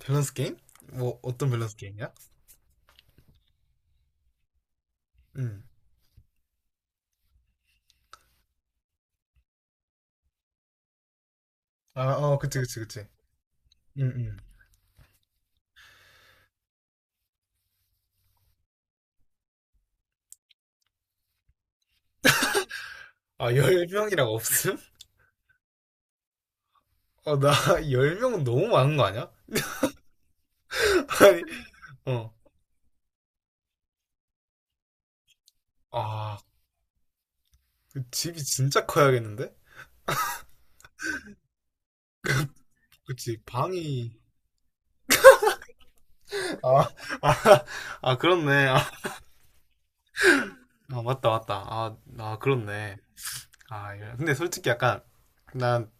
밸런스 게임? 뭐 어떤 밸런스 게임이야? 응. 아, 어, 그치, 그치, 그치. 응, 응. 아, 10명이라고 없음? 어, 나 10명은 너무 많은 거 아니야? 아니, 어. 아, 그 집이 진짜 커야겠는데? 그치, 방이. 아, 아, 아, 그렇네. 아, 아, 맞다, 맞다. 아, 아, 그렇네. 아, 근데 솔직히 약간, 난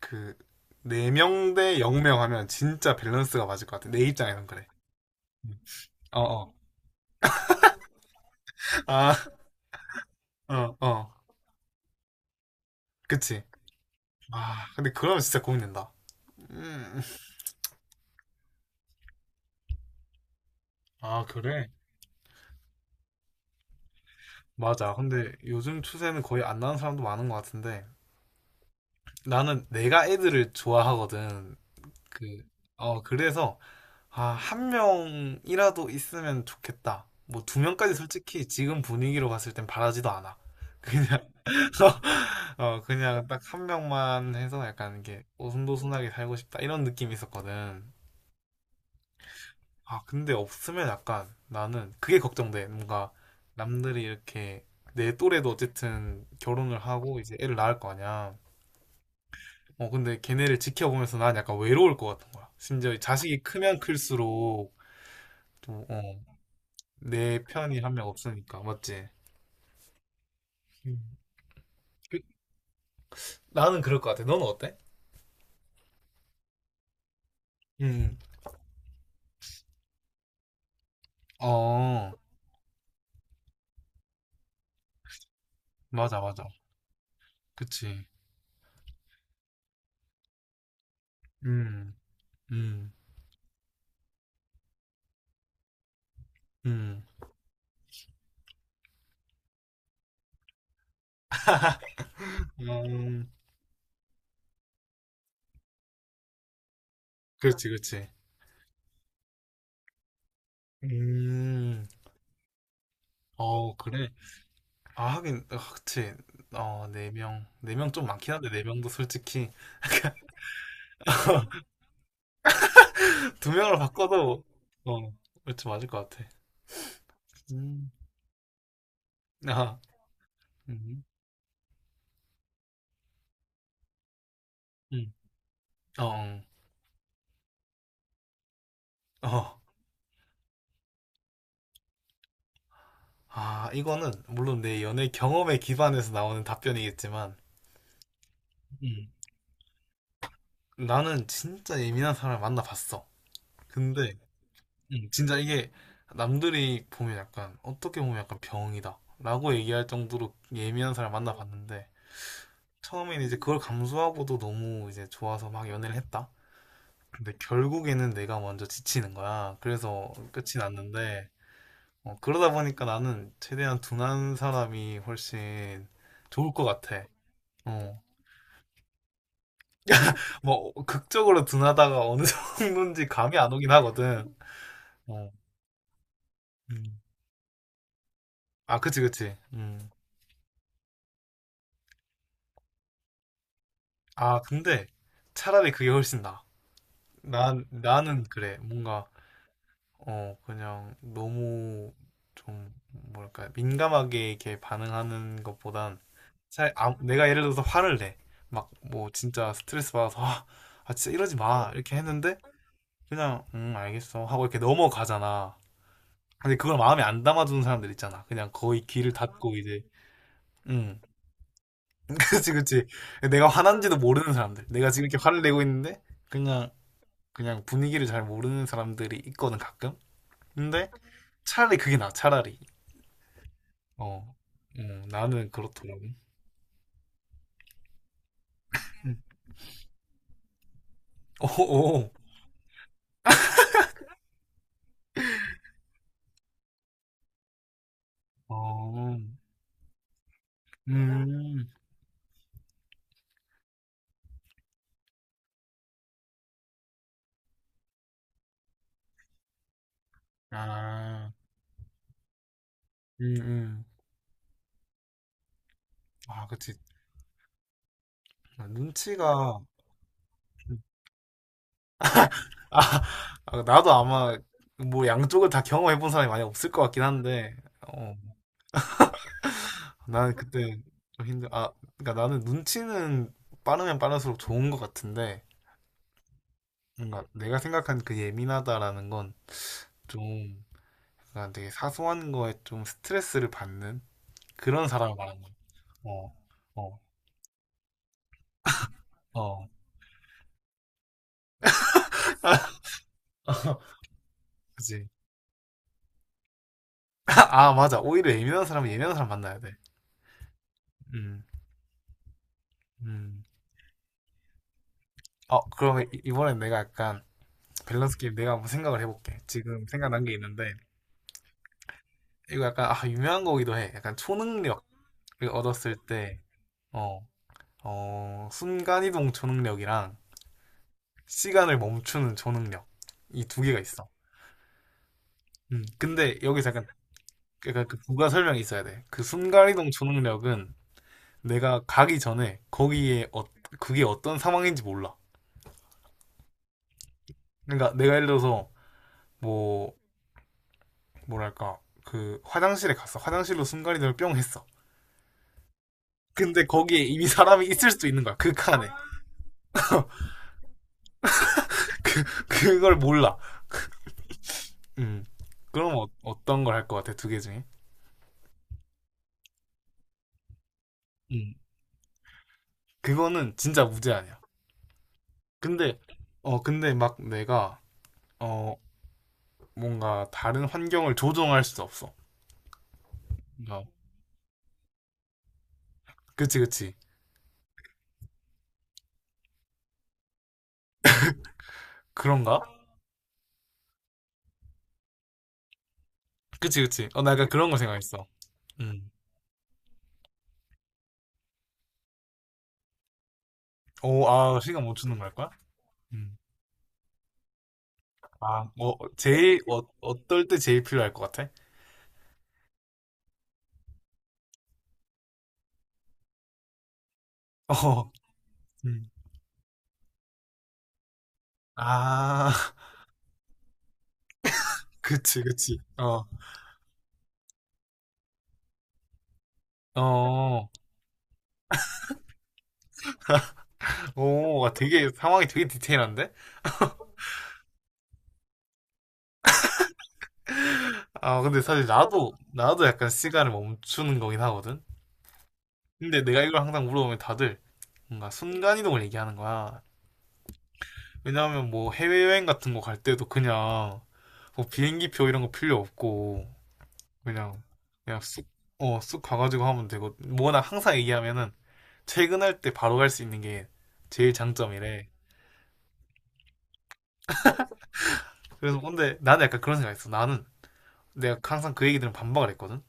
그, 4명 대 0 명대 0명 하면 진짜 밸런스가 맞을 것 같아. 내 입장에선 그래. 응. 어, 어. 아, 어, 어. 그치. 아, 근데 그러면 진짜 고민된다. 음. 아, 그래? 맞아. 근데 요즘 추세는 거의 안 나는 사람도 많은 것 같은데 나는 내가 애들을 좋아하거든. 그, 어, 그래서 아, 1명이라도 있으면 좋겠다. 뭐 2명까지 솔직히 지금 분위기로 봤을 땐 바라지도 않아. 그냥 어, 그냥 딱 1명만 해서 약간 이게 오순도순하게 살고 싶다 이런 느낌이 있었거든. 아, 근데 없으면 약간 나는 그게 걱정돼. 뭔가 남들이 이렇게 내 또래도 어쨌든 결혼을 하고 이제 애를 낳을 거 아니야. 어, 근데 걔네를 지켜보면서 난 약간 외로울 것 같은 거야. 심지어 이 자식이 크면 클수록 또, 어, 내 편이 1명 없으니까. 맞지? 음. 그- 나는 그럴 것 같아. 너는 어때? 음. 어, 맞아, 맞아. 그치. 음, 음, 음. 음, 그렇지, 그렇지. 음, 어, 그래. 아, 하긴, 아, 그치. 어, 4명. 4명 좀 많긴 한데, 4명도 솔직히. 2명으로 바꿔도, 어, 그치, 맞을 것 같아. 음, 아, 음, 음, 어, 어. 아, 이거는, 물론 내 연애 경험에 기반해서 나오는 답변이겠지만, 음, 나는 진짜 예민한 사람을 만나봤어. 근데, 진짜 이게, 남들이 보면 약간, 어떻게 보면 약간 병이다. 라고 얘기할 정도로 예민한 사람을 만나봤는데, 처음에는 이제 그걸 감수하고도 너무 이제 좋아서 막 연애를 했다. 근데 결국에는 내가 먼저 지치는 거야. 그래서 끝이 났는데, 어, 그러다 보니까 나는 최대한 둔한 사람이 훨씬 좋을 것 같아. 어, 뭐, 극적으로 둔하다가 어느 정도인지 감이 안 오긴 하거든. 어, 음. 아, 그치, 그치. 음. 아, 근데 차라리 그게 훨씬 나아. 난, 나는 그래. 뭔가 어, 그냥 너무 좀 뭐랄까 민감하게 이렇게 반응하는 것보단 잘 아, 내가 예를 들어서 화를 내. 막 뭐 진짜 스트레스 받아서 아, 아, 진짜 이러지 마. 이렇게 했는데 그냥 알겠어 하고 이렇게 넘어가잖아. 근데 그걸 마음에 안 담아두는 사람들 있잖아. 그냥 거의 귀를 닫고 이제 음 그치 그치 내가 화난지도 모르는 사람들. 내가 지금 이렇게 화를 내고 있는데 그냥 그냥 분위기를 잘 모르는 사람들이 있거든 가끔. 근데 차라리 그게 나 차라리. 어, 어, 나는 그렇더라고. 어, 어, 어, 음, 아, 음, 음. 아, 그치. 눈치가, 아, 아, 나도 아마 뭐 양쪽을 다 경험해본 사람이 많이 없을 것 같긴 한데, 어, 나는 그때 좀 힘들, 아, 그러니까 나는 눈치는 빠르면 빠를수록 좋은 것 같은데, 뭔가 내가 생각한 그 예민하다라는 건 좀, 그러니까 되게 사소한 거에 좀 스트레스를 받는? 그런 사람을 말하는 거야. 어, 어, 어. 그지. 아, 아, 맞아. 오히려 예민한 사람은 예민한 사람 만나야 돼. 음, 음. 어, 그러면 이번엔 내가 약간 밸런스 게임 내가 한번 생각을 해볼게. 지금 생각난 게 있는데, 이거 약간, 아, 유명한 거기도 해. 약간 초능력을 얻었을 때, 어, 어, 순간이동 초능력이랑 시간을 멈추는 초능력. 이 2개가 있어. 근데 여기서 약간, 약간 그 부가 설명이 있어야 돼. 그 순간이동 초능력은 내가 가기 전에 거기에 어, 그게 어떤 상황인지 몰라. 그러니까 내가 예를 들어서 뭐 뭐랄까 그 화장실에 갔어. 화장실로 순간이동을 뿅 했어. 근데 거기에 이미 사람이 있을 수도 있는 거야. 그 칸에 그 그걸 몰라. 음. 그럼 어, 떤 걸 할 것 같아 2개 중에? 음. 그거는 진짜 무죄 아니야. 근데 어 근데 막 내가 어 뭔가 다른 환경을 조종할 수 없어. 그 그치 그치 그런가? 그치 그치. 어 나 약간 그런 거 생각했어. 음. 오, 아, 시간 못 주는 걸 거야? 음. 아, 어, 제일, 어, 어떨 때 제일 필요할 것 같아? 어, 음. 아, 그치, 그치. 어, 어, 오, 와, 되게, 상황이 되게 디테일한데? 아, 근데 사실 나도, 나도 약간 시간을 멈추는 거긴 하거든? 근데 내가 이걸 항상 물어보면 다들 뭔가 순간이동을 얘기하는 거야. 왜냐하면 뭐 해외여행 같은 거 갈 때도 그냥 뭐 비행기표 이런 거 필요 없고, 그냥 그냥 쑥, 어, 쑥 가가지고 하면 되고 뭐나 항상 얘기하면은 퇴근할 때 바로 갈 수 있는 게 제일 장점이래. 그래서 근데 나는 약간 그런 생각했어. 나는 내가 항상 그 얘기들은 반박을 했거든.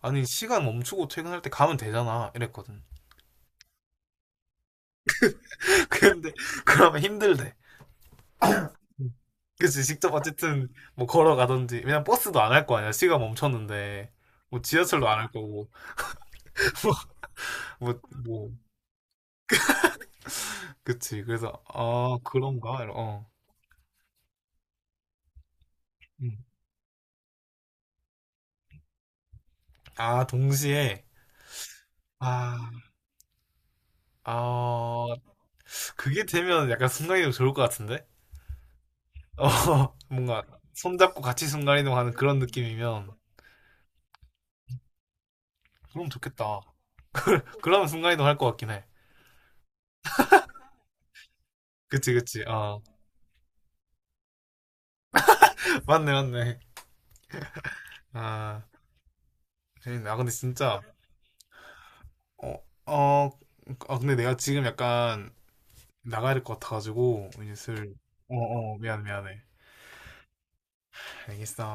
아니 시간 멈추고 퇴근할 때 가면 되잖아 이랬거든. 근데 그러면 힘들대. 그치 직접 어쨌든 뭐 걸어가든지 왜냐면 버스도 안 할 거 아니야 시간 멈췄는데 뭐 지하철도 안 할 거고 뭐 뭐 그치 그래서 아 그런가 어. 음. 아 동시에 아 아, 그게 되면 약간 순간이동 좋을 것 같은데? 어, 뭔가 손잡고 같이 순간이동하는 그런 느낌이면 그럼 좋겠다. 그러면 순간이동 할 것 같긴 해. 그치, 그치. 어, 맞네, 맞네. 아, 재밌네. 아, 근데 진짜, 어, 어, 아, 근데 내가 지금 약간 나가야 될 것 같아가지고, 이제 슬, 어, 어, 미안, 미안해. 알겠어.